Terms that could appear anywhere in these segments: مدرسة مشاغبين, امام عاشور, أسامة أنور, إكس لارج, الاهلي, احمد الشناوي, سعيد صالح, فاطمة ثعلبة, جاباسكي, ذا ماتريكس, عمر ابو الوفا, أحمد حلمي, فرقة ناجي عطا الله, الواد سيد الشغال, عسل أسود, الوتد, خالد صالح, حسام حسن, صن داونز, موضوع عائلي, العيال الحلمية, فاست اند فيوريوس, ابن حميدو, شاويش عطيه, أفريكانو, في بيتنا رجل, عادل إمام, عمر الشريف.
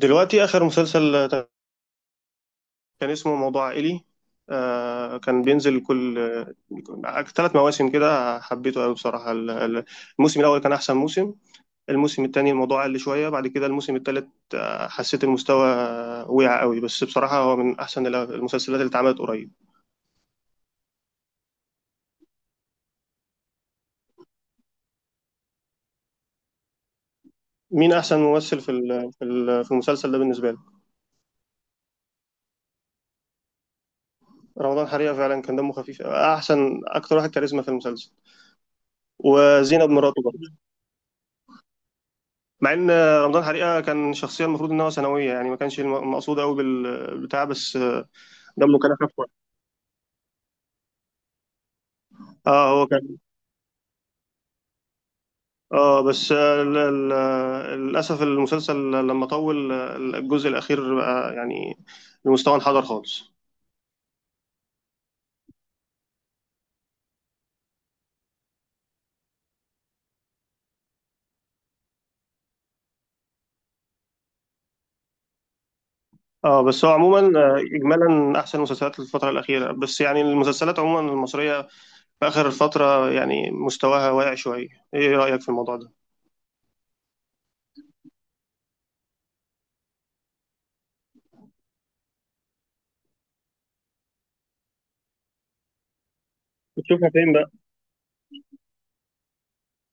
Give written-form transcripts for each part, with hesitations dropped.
دلوقتي آخر مسلسل كان اسمه موضوع عائلي. كان بينزل كل ثلاث مواسم كده، حبيته قوي بصراحة. الموسم الأول كان أحسن موسم. الموسم التاني الموضوع قل شوية، بعد كده الموسم التالت حسيت المستوى وقع قوي. بس بصراحة هو من أحسن المسلسلات اللي اتعملت قريب. مين أحسن ممثل في المسلسل ده بالنسبة لك؟ رمضان حريقة فعلا كان دمه خفيف، أحسن أكتر واحد كاريزما في المسلسل. وزينب مراته، مع ان رمضان حريقه كان شخصيه المفروض ان هو ثانويه، يعني ما كانش مقصود قوي بالبتاع، بس دمه كان خفيف. اه هو كان. اه بس للاسف المسلسل لما طول الجزء الاخير بقى يعني المستوى انحدر خالص. اه بس هو عموما اجمالا احسن مسلسلات الفتره الاخيره، بس يعني المسلسلات عموما المصريه في اخر الفتره يعني مستواها واقع شويه. ايه رايك في الموضوع ده؟ بتشوفها فين بقى؟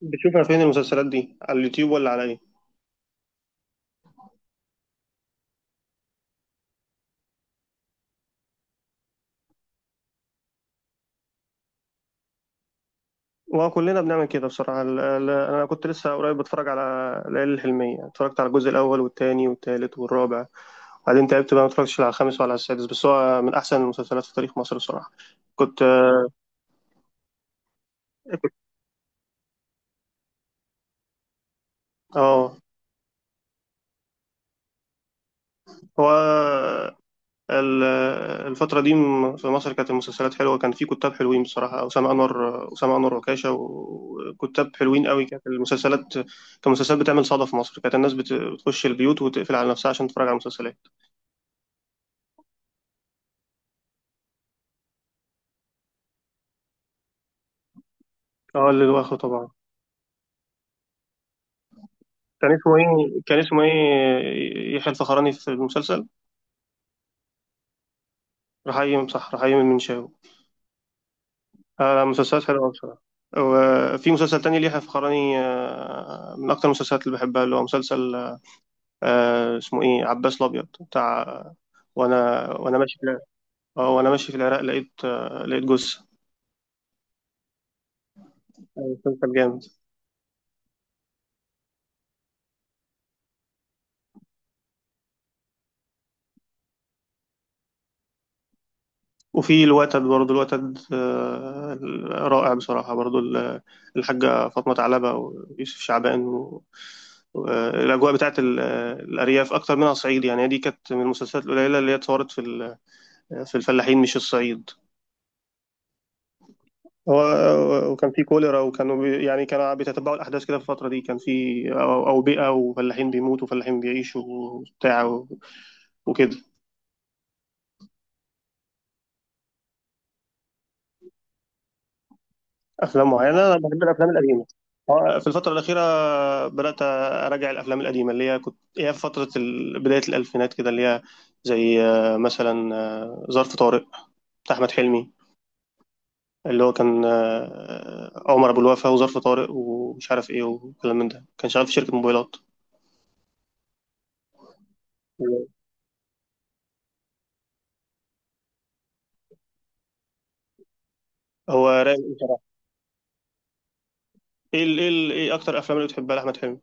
بتشوفها فين المسلسلات دي، على اليوتيوب ولا على ايه؟ وكلنا بنعمل كده بصراحة. أنا كنت لسه قريب بتفرج على العيال الحلمية، اتفرجت على الجزء الأول والتاني والتالت والرابع، وبعدين تعبت بقى، ما اتفرجتش على الخامس ولا على السادس، بس هو من أحسن المسلسلات في تاريخ مصر بصراحة. كنت اه هو ال- الفترة دي في مصر كانت المسلسلات حلوة، كان في كتاب حلوين بصراحة، أسامة أنور وكاشة وكتاب حلوين قوي، كانت المسلسلات المسلسلات بتعمل صدى في مصر، كانت الناس بتخش البيوت وتقفل على نفسها عشان تتفرج على المسلسلات. اه اللي هو آخره طبعا. كان اسمه ايه يحيى الفخراني في المسلسل؟ رحيم، صح، رحيم المنشاوي. آه مسلسلات حلوه بصراحه. وفي مسلسل تاني ليحيى الفخراني، من اكتر المسلسلات اللي بحبها، اللي هو مسلسل اسمه ايه، عباس الابيض بتاع. وانا وانا ماشي في العراق، وانا ماشي في العراق لقيت لقيت جثه. مسلسل جامد. وفي الوتد برضو، الوتد رائع بصراحة. برضو الحاجة فاطمة ثعلبة ويوسف شعبان، الأجواء بتاعت الأرياف أكتر منها صعيد، يعني دي كانت من المسلسلات القليلة اللي هي اتصورت في الفلاحين مش الصعيد. هو وكان في كوليرا، وكانوا يعني كانوا بيتتبعوا الأحداث كده في الفترة دي، كان في أوبئة وفلاحين بيموتوا وفلاحين بيعيشوا وبتاع وكده. افلام معينه، انا بحب الافلام القديمه. في الفتره الاخيره بدات اراجع الافلام القديمه اللي هي كنت هي في فتره بدايه الالفينات كده، اللي هي زي مثلا ظرف طارق بتاع احمد حلمي، اللي هو كان عمر ابو الوفا وظرف طارق ومش عارف ايه وكلام من ده، كان شغال في شركه موبايلات. هو رايق بصراحه. ايه اكتر افلام اللي بتحبها لاحمد حلمي؟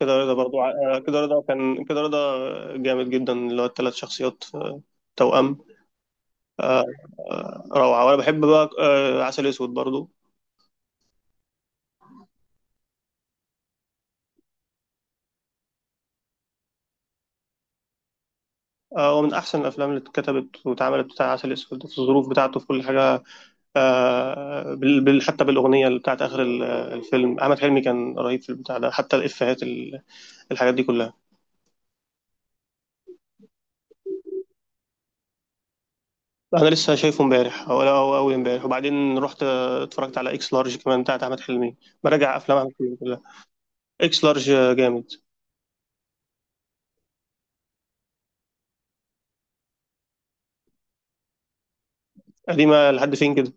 كده رضا برضو كده رضا جامد جدا، اللي هو الثلاث شخصيات، توأم. آه، روعة. وأنا بحب بقى عسل أسود برضو. هو من أحسن الأفلام اللي اتكتبت واتعملت بتاع عسل أسود، في الظروف بتاعته في كل حاجة. حتى بالأغنية اللي بتاعت آخر الفيلم، أحمد حلمي كان رهيب في البتاع ده، حتى الإفيهات الحاجات دي كلها. أنا لسه شايفه امبارح أو أو أول امبارح، وبعدين رحت اتفرجت على إكس لارج كمان بتاعت أحمد حلمي. براجع أفلام أحمد حلمي كلها. إكس لارج جامد. قديمة لحد فين كده؟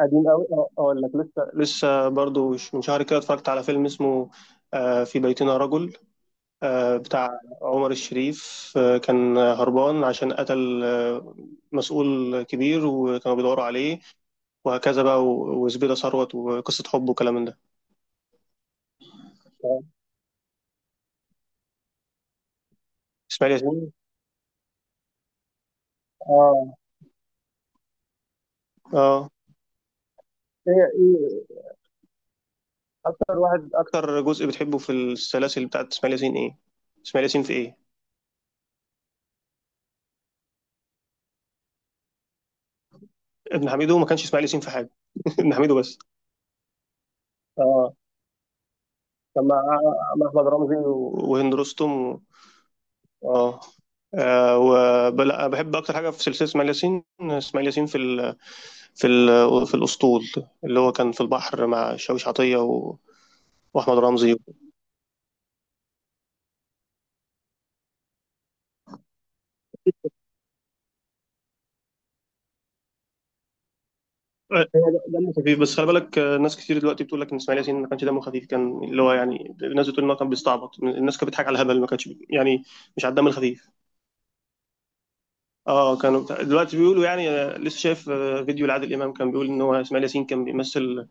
قديم قوي، أه اقول لك، لسه برضو من شهر كده اتفرجت على فيلم اسمه في بيتنا رجل، بتاع عمر الشريف. كان هربان عشان قتل مسؤول كبير، وكانوا بيدوروا عليه، وهكذا بقى، وزبيدة ثروت وقصة حب وكلام من ده. آه. اسماعيل ياسين. اه اه. ايه اكتر واحد، اكتر جزء بتحبه في السلاسل بتاعت اسماعيل ياسين ايه؟ اسماعيل ياسين في ايه؟ ابن حميدو ما كانش اسماعيل ياسين في حاجة. ابن حميدو بس. اه كان مع احمد رمزي وهند رستم و... اه. لا بحب اكتر حاجه في سلسله اسماعيل ياسين، اسماعيل ياسين في الاسطول، اللي هو كان في البحر مع شاويش عطيه و... واحمد رمزي. هو دمه خفيف، بس خلي بالك ناس كتير دلوقتي بتقول لك ان اسماعيل ياسين ما كانش دمه خفيف، كان اللي هو يعني الناس بتقول ان هو كان بيستعبط، الناس كانت بتضحك على الهبل، ما كانش يعني مش على الدم الخفيف. اه، كانوا دلوقتي بيقولوا يعني لسه شايف فيديو لعادل امام، كان بيقول ان هو اسماعيل ياسين كان بيمثل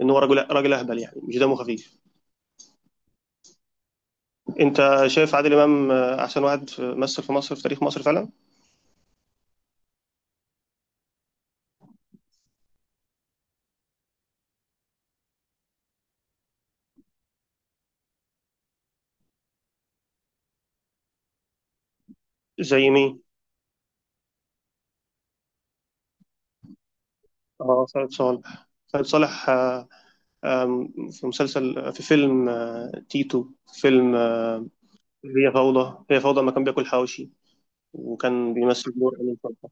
ان هو راجل اهبل يعني مش دمه خفيف. انت شايف عادل امام احسن واحد مثل في مصر، في تاريخ مصر فعلا؟ زي مين؟ اه خالد صالح. خالد صالح آه، آم، في مسلسل، في فيلم تيتو، في فيلم هي فوضى، ما كان بياكل حواوشي، وكان بيمثل دور امين صالح.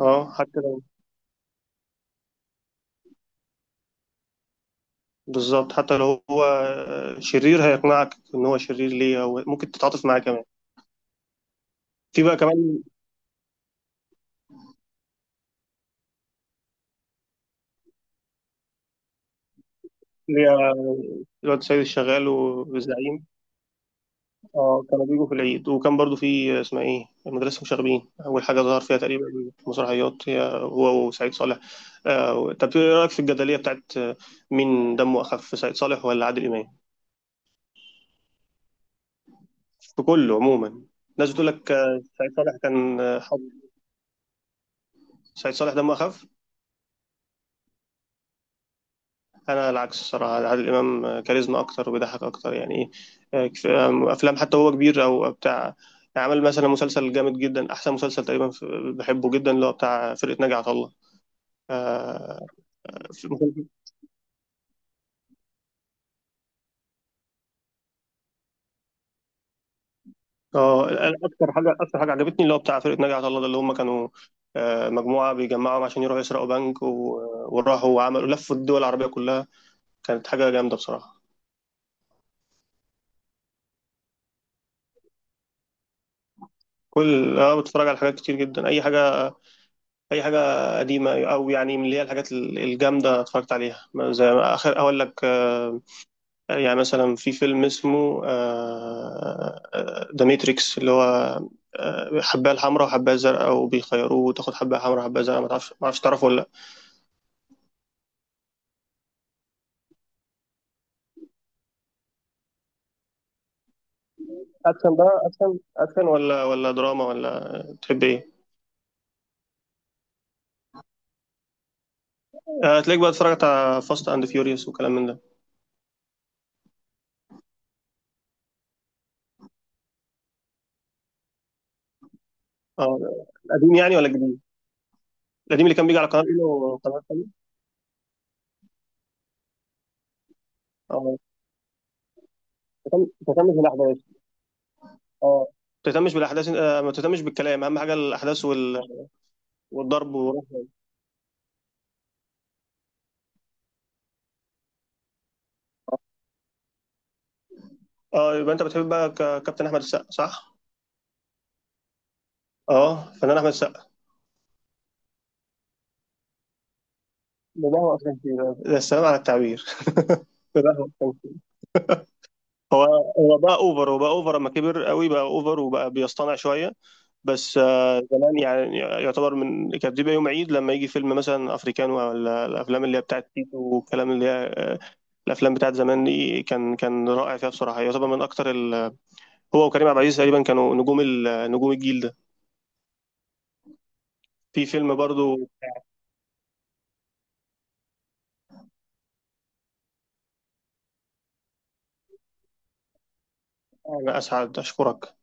اه حتى لو، بالظبط حتى لو هو شرير هيقنعك ان هو شرير ليه، او ممكن تتعاطف معاه كمان. في بقى كمان اللي هي الواد سيد الشغال والزعيم. اه كانوا بيجوا في العيد، وكان برضو في اسمها ايه مدرسة مشاغبين، أول حاجة ظهر فيها تقريبا، مسرحيات هي هو وسعيد صالح. آه طب ايه رأيك في الجدلية بتاعت مين دمه أخف، سعيد صالح ولا عادل إمام؟ في كله عموما. الناس بتقول لك سعيد صالح كان حب، سعيد صالح دمه أخف. أنا العكس الصراحة، عادل إمام كاريزما أكتر وبيضحك أكتر يعني. إيه أفلام حتى هو كبير أو بتاع، عمل مثلا مسلسل جامد جدا، أحسن مسلسل تقريبا بحبه جدا، اللي هو بتاع فرقة ناجي عطا الله. آه، اه اكتر حاجه عجبتني اللي هو بتاع فرقه ناجي عطا الله ده، اللي هم كانوا مجموعه بيجمعهم عشان يروحوا يسرقوا بنك وراحوا وعملوا، لفوا الدول العربيه كلها. كانت حاجه جامده بصراحه. كل اه، بتفرج على حاجات كتير جدا، اي حاجه، قديمه او يعني من اللي هي الحاجات الجامده اتفرجت عليها، زي ما اخر اقول لك يعني مثلا في فيلم اسمه ذا ماتريكس اللي هو حبايه الحمراء وحبايه الزرقاء وبيخيروه، وتاخد حبايه حمراء وحبايه زرقاء، ما تعرفش، ما اعرفش تعرفه ولا؟ اكشن بقى، اكشن ولا دراما ولا تحب ايه؟ هتلاقيك بقى اتفرجت على فاست اند فيوريوس وكلام من ده. اه. القديم يعني ولا الجديد؟ القديم اللي كان بيجي على قناه ايه وقناه ثانيه. اه. تهتمش بالاحداث. اه، ما تهتمش بالاحداث ما تهتمش بالكلام، اهم حاجه الاحداث والضرب و... اه يبقى انت بتحب بقى كابتن احمد السقا صح. اه فنان احمد السقا. ده هو اصلا كده، ده السلام على التعبير ده هو أصلاً كده. هو هو بقى اوفر، لما كبر قوي بقى اوفر وبقى بيصطنع شويه. بس زمان يعني يعتبر من، كانت بتبقى يوم عيد لما يجي فيلم مثلا افريكانو، ولا الافلام اللي هي بتاعت تيتو والكلام اللي هي الافلام بتاعت زمان دي، كان رائع فيها بصراحه، يعتبر من اكتر هو وكريم عبد العزيز تقريبا كانوا نجوم نجوم الجيل ده. في فيلم برضو انا اسعد اشكرك.